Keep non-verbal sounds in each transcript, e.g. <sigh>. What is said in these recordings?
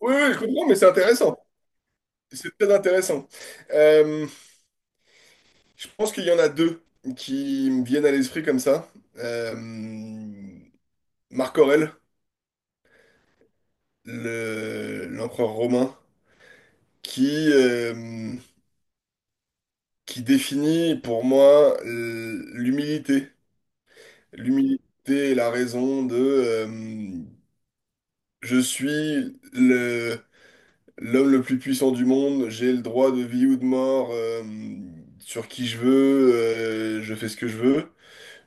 Oui, oui, je comprends, mais c'est intéressant. C'est très intéressant. Euh, je pense qu'il y en a deux qui me viennent à l'esprit comme ça. Euh, Marc Aurèle, l'empereur romain, qui, euh, qui définit pour moi l'humilité. L'humilité est la raison de je suis l'homme le plus puissant du monde, j'ai le droit de vie ou de mort, sur qui je veux, je fais ce que je veux.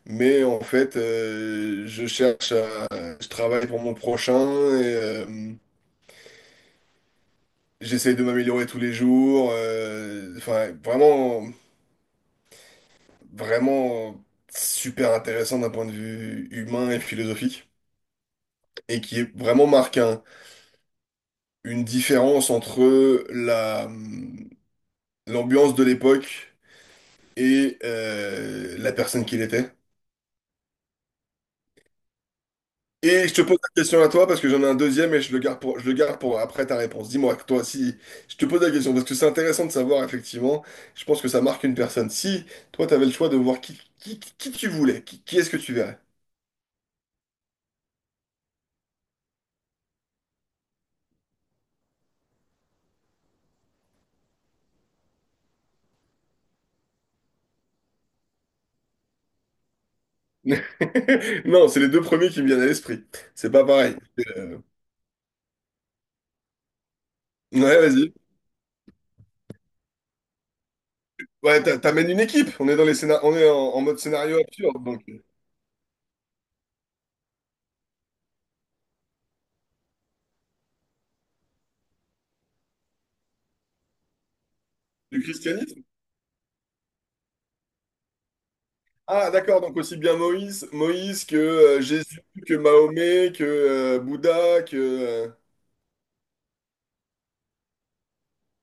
Mais en fait, je cherche, je travaille pour mon prochain et j'essaie de m'améliorer tous les jours. Enfin, vraiment, vraiment super intéressant d'un point de vue humain et philosophique et qui est vraiment marque une différence entre la l'ambiance de l'époque et la personne qu'il était. Et je te pose la question à toi parce que j'en ai un deuxième et je le garde pour après ta réponse. Dis-moi, toi, si je te pose la question parce que c'est intéressant de savoir, effectivement, je pense que ça marque une personne. Si toi, tu avais le choix de voir qui tu voulais, qui est-ce que tu verrais? <laughs> Non, c'est les deux premiers qui me viennent à l'esprit. C'est pas pareil. Euh, Ouais, vas-y. Ouais, t'amènes une équipe. On est dans on est en, mode scénario absurde, donc du christianisme. Ah, d'accord. Donc aussi bien Moïse, que Jésus, que Mahomet, que Bouddha, que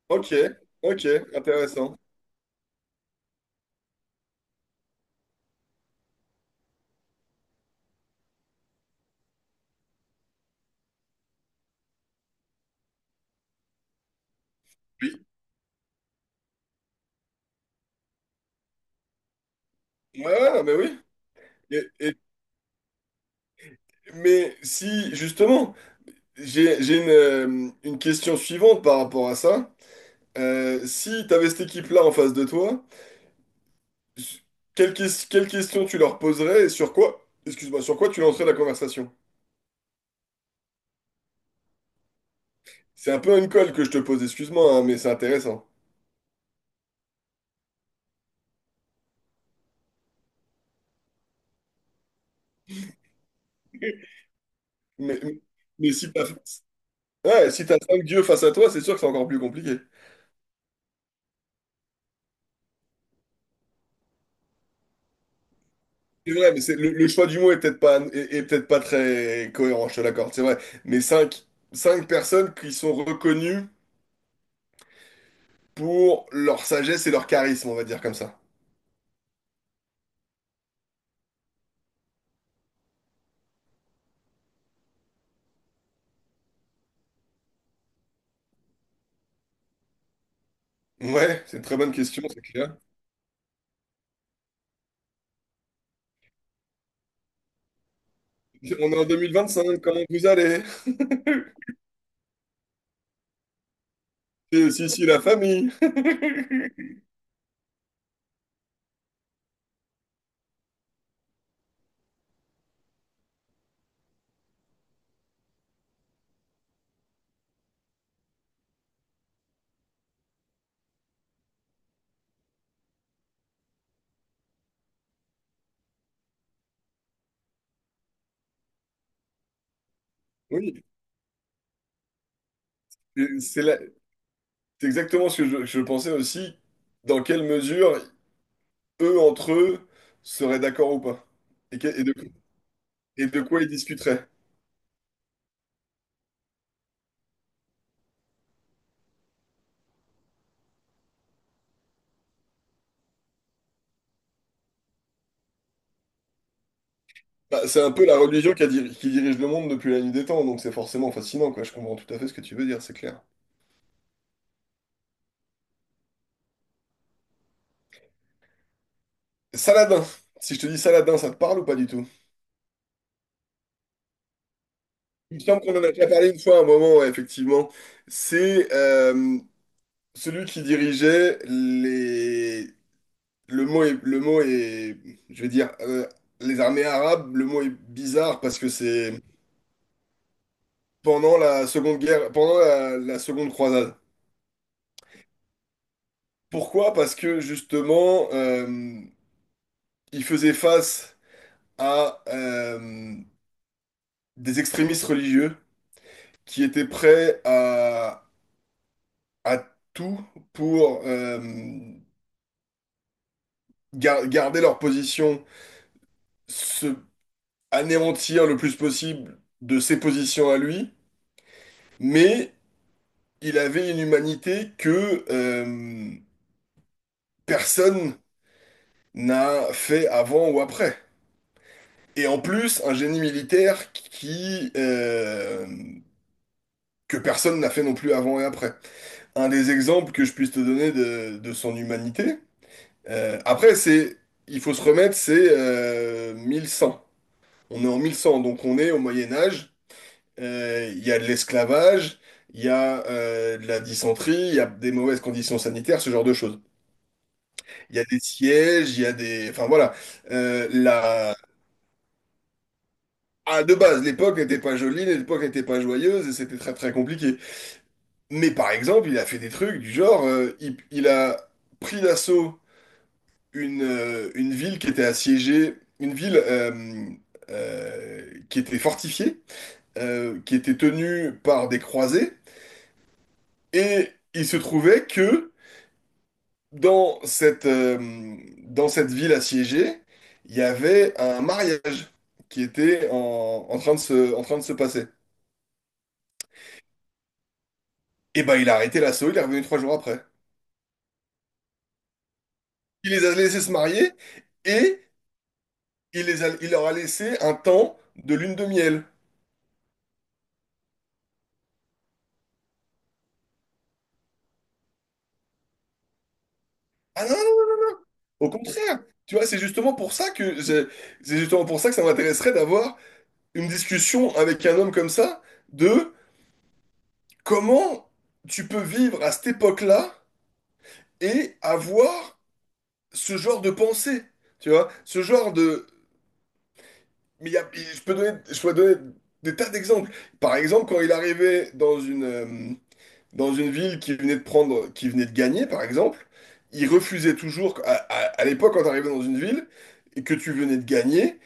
Ok, ok, intéressant. Oui. Ouais, ouais, non, mais oui. Et- et- mais si, justement, j'ai une question suivante par rapport à ça. Si tu avais cette équipe-là en face de toi, s- quelle question tu leur poserais et sur quoi, excuse-moi, sur quoi tu lancerais la conversation? C'est un peu une colle que je te pose, excuse-moi, hein, mais c'est intéressant. <laughs> Mais, mais si t'as, ouais, si t'as cinq dieux face à toi, c'est sûr que c'est encore plus compliqué. C'est vrai, mais c'est, le choix du mot est peut-être pas, est peut-être pas très cohérent, je te l'accorde, c'est vrai. Mais cinq personnes qui sont reconnues pour leur sagesse et leur charisme, on va dire comme ça. Ouais, c'est une très bonne question, c'est clair. On est en 2025. Comment vous allez? Et si, si, la famille. <laughs> Oui, et c'est exactement ce que je pensais aussi, dans quelle mesure eux, entre eux, seraient d'accord ou pas. Et, et de, quoi ils discuteraient. Bah, c'est un peu la religion qui dirige le monde depuis la nuit des temps, donc c'est forcément fascinant, quoi. Je comprends tout à fait ce que tu veux dire, c'est clair. Saladin. Si je te dis Saladin, ça te parle ou pas du tout? Il me semble qu'on en a déjà parlé une fois à un moment, ouais, effectivement. C'est celui qui dirigeait les... le mot est, je vais dire, les armées arabes, le mot est bizarre parce que c'est pendant la Seconde Guerre, pendant la Seconde Croisade. Pourquoi? Parce que justement, il faisait face à des extrémistes religieux qui étaient prêts à, à tout pour garder leur position, se anéantir le plus possible de ses positions à lui, mais il avait une humanité que personne n'a fait avant ou après. Et en plus, un génie militaire que personne n'a fait non plus avant et après. Un des exemples que je puisse te donner de, son humanité. Après, c'est, il faut se remettre, c'est 1100. On est en 1100, donc on est au Moyen Âge. Il y a de l'esclavage, il y a de la dysenterie, il y a des mauvaises conditions sanitaires, ce genre de choses. Il y a des sièges, il y a des, enfin voilà. La... Ah, de base, l'époque n'était pas jolie, l'époque n'était pas joyeuse et c'était très très compliqué. Mais par exemple, il a fait des trucs du genre, il a pris d'assaut une ville qui était assiégée, une ville qui était fortifiée, qui était tenue par des croisés, et il se trouvait que dans cette, euh, dans cette ville assiégée, il y avait un mariage qui était en en train de se passer. Et ben il a arrêté l'assaut, il est revenu 3 jours après. Il les a laissés se marier et il leur a laissé un temps de lune de miel. Ah, au contraire, tu vois, c'est justement pour ça que c'est justement pour ça que ça m'intéresserait d'avoir une discussion avec un homme comme ça de comment tu peux vivre à cette époque-là et avoir ce genre de pensée, tu vois, ce genre de mais je peux donner des tas d'exemples. Par exemple, quand il arrivait dans une ville qui venait de gagner, par exemple, il refusait toujours à, à l'époque quand tu arrivais dans une ville et que tu venais de gagner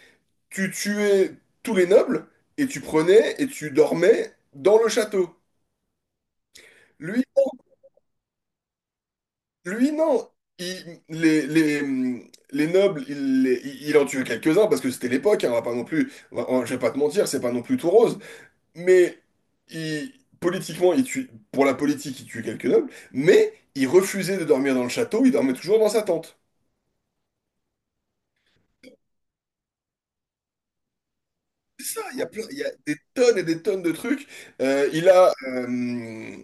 tu tuais tous les nobles et tu prenais et tu dormais dans le château. Lui, lui non. Il- les, les, les nobles, il en tuait quelques-uns parce que c'était l'époque, hein, on va pas non plus, je vais pas te mentir, c'est pas non plus tout rose. Mais il, politiquement, il tue, pour la politique, il tue quelques nobles, mais il refusait de dormir dans le château, il dormait toujours dans sa tente. C'est ça, il y a des tonnes et des tonnes de trucs. Il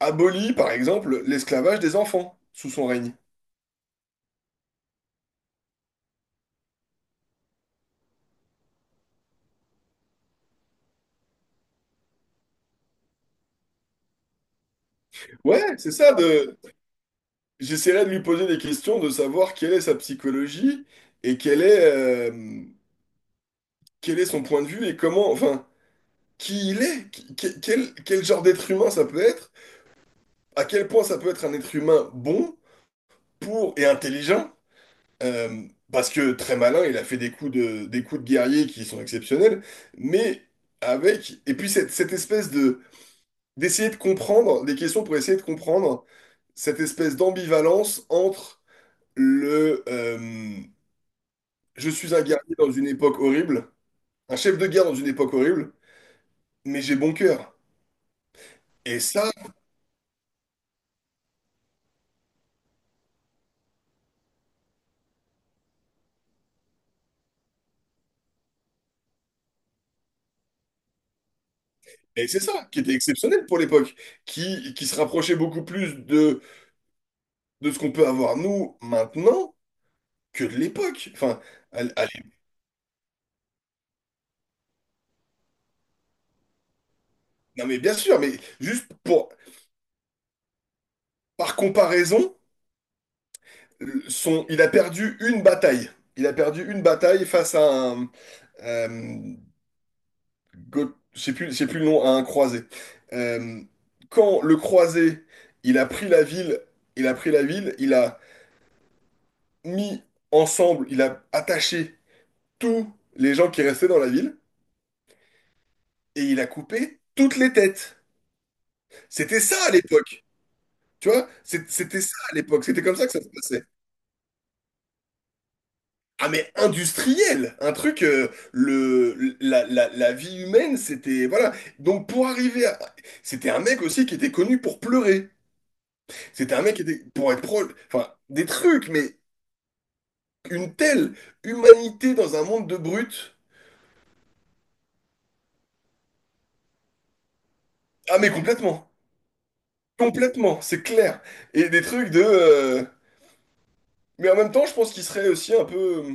abolit, par exemple, l'esclavage des enfants sous son règne. Ouais, c'est ça, de... j'essaierai de lui poser des questions, de savoir quelle est sa psychologie et euh, quel est son point de vue et comment, enfin, qui il est, quel genre d'être humain ça peut être, à quel point ça peut être un être humain bon, pour et intelligent. euh, Parce que très malin, il a fait des coups de guerrier qui sont exceptionnels, mais avec, et puis cette espèce de d'essayer de comprendre des questions pour essayer de comprendre cette espèce d'ambivalence entre le je suis un guerrier dans une époque horrible, un chef de guerre dans une époque horrible, mais j'ai bon cœur. Et ça, et c'est ça qui était exceptionnel pour l'époque, qui se rapprochait beaucoup plus de, ce qu'on peut avoir nous maintenant que de l'époque. Enfin, allez, non mais bien sûr, mais juste pour par comparaison, il a perdu une bataille. Il a perdu une bataille face à un, Euh, je plus, c'est plus le nom, à un croisé. Euh, quand le croisé, il a pris la ville, il a pris la ville, il a mis ensemble, il a attaché tous les gens qui restaient dans la ville et il a coupé toutes les têtes. C'était ça à l'époque, tu vois? C'était ça à l'époque, c'était comme ça que ça se passait. Ah mais industriel, un truc, la vie humaine, c'était, voilà. Donc pour arriver à... C'était un mec aussi qui était connu pour pleurer. C'était un mec qui était, pour être pro, enfin, des trucs, mais une telle humanité dans un monde de brutes. Ah, mais complètement. Complètement, c'est clair. Et des trucs de. Mais en même temps, je pense qu'il serait aussi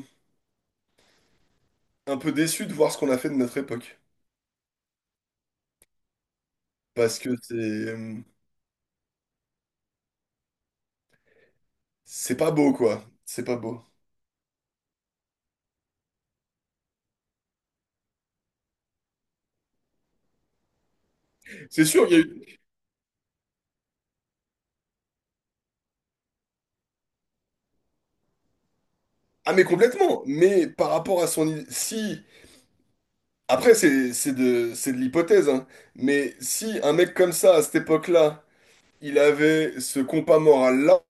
un peu déçu de voir ce qu'on a fait de notre époque. Parce que c'est. C'est pas beau, quoi. C'est pas beau. C'est sûr, il y a eu. Ah, mais complètement. Mais par rapport à son. Si. Après, c'est de l'hypothèse, hein. Mais si un mec comme ça, à cette époque-là, il avait ce compas moral-là,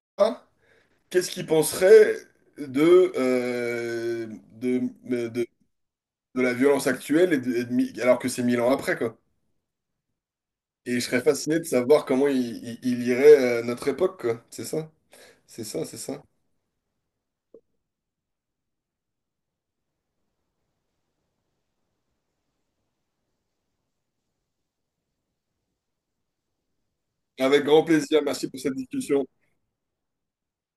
qu'est-ce qu'il penserait de, euh, de, de, de la violence actuelle alors que c'est 1000 ans après, quoi. Et je serais fasciné de savoir comment il lirait notre époque, quoi. C'est ça, c'est ça, c'est ça. Avec grand plaisir, merci pour cette discussion.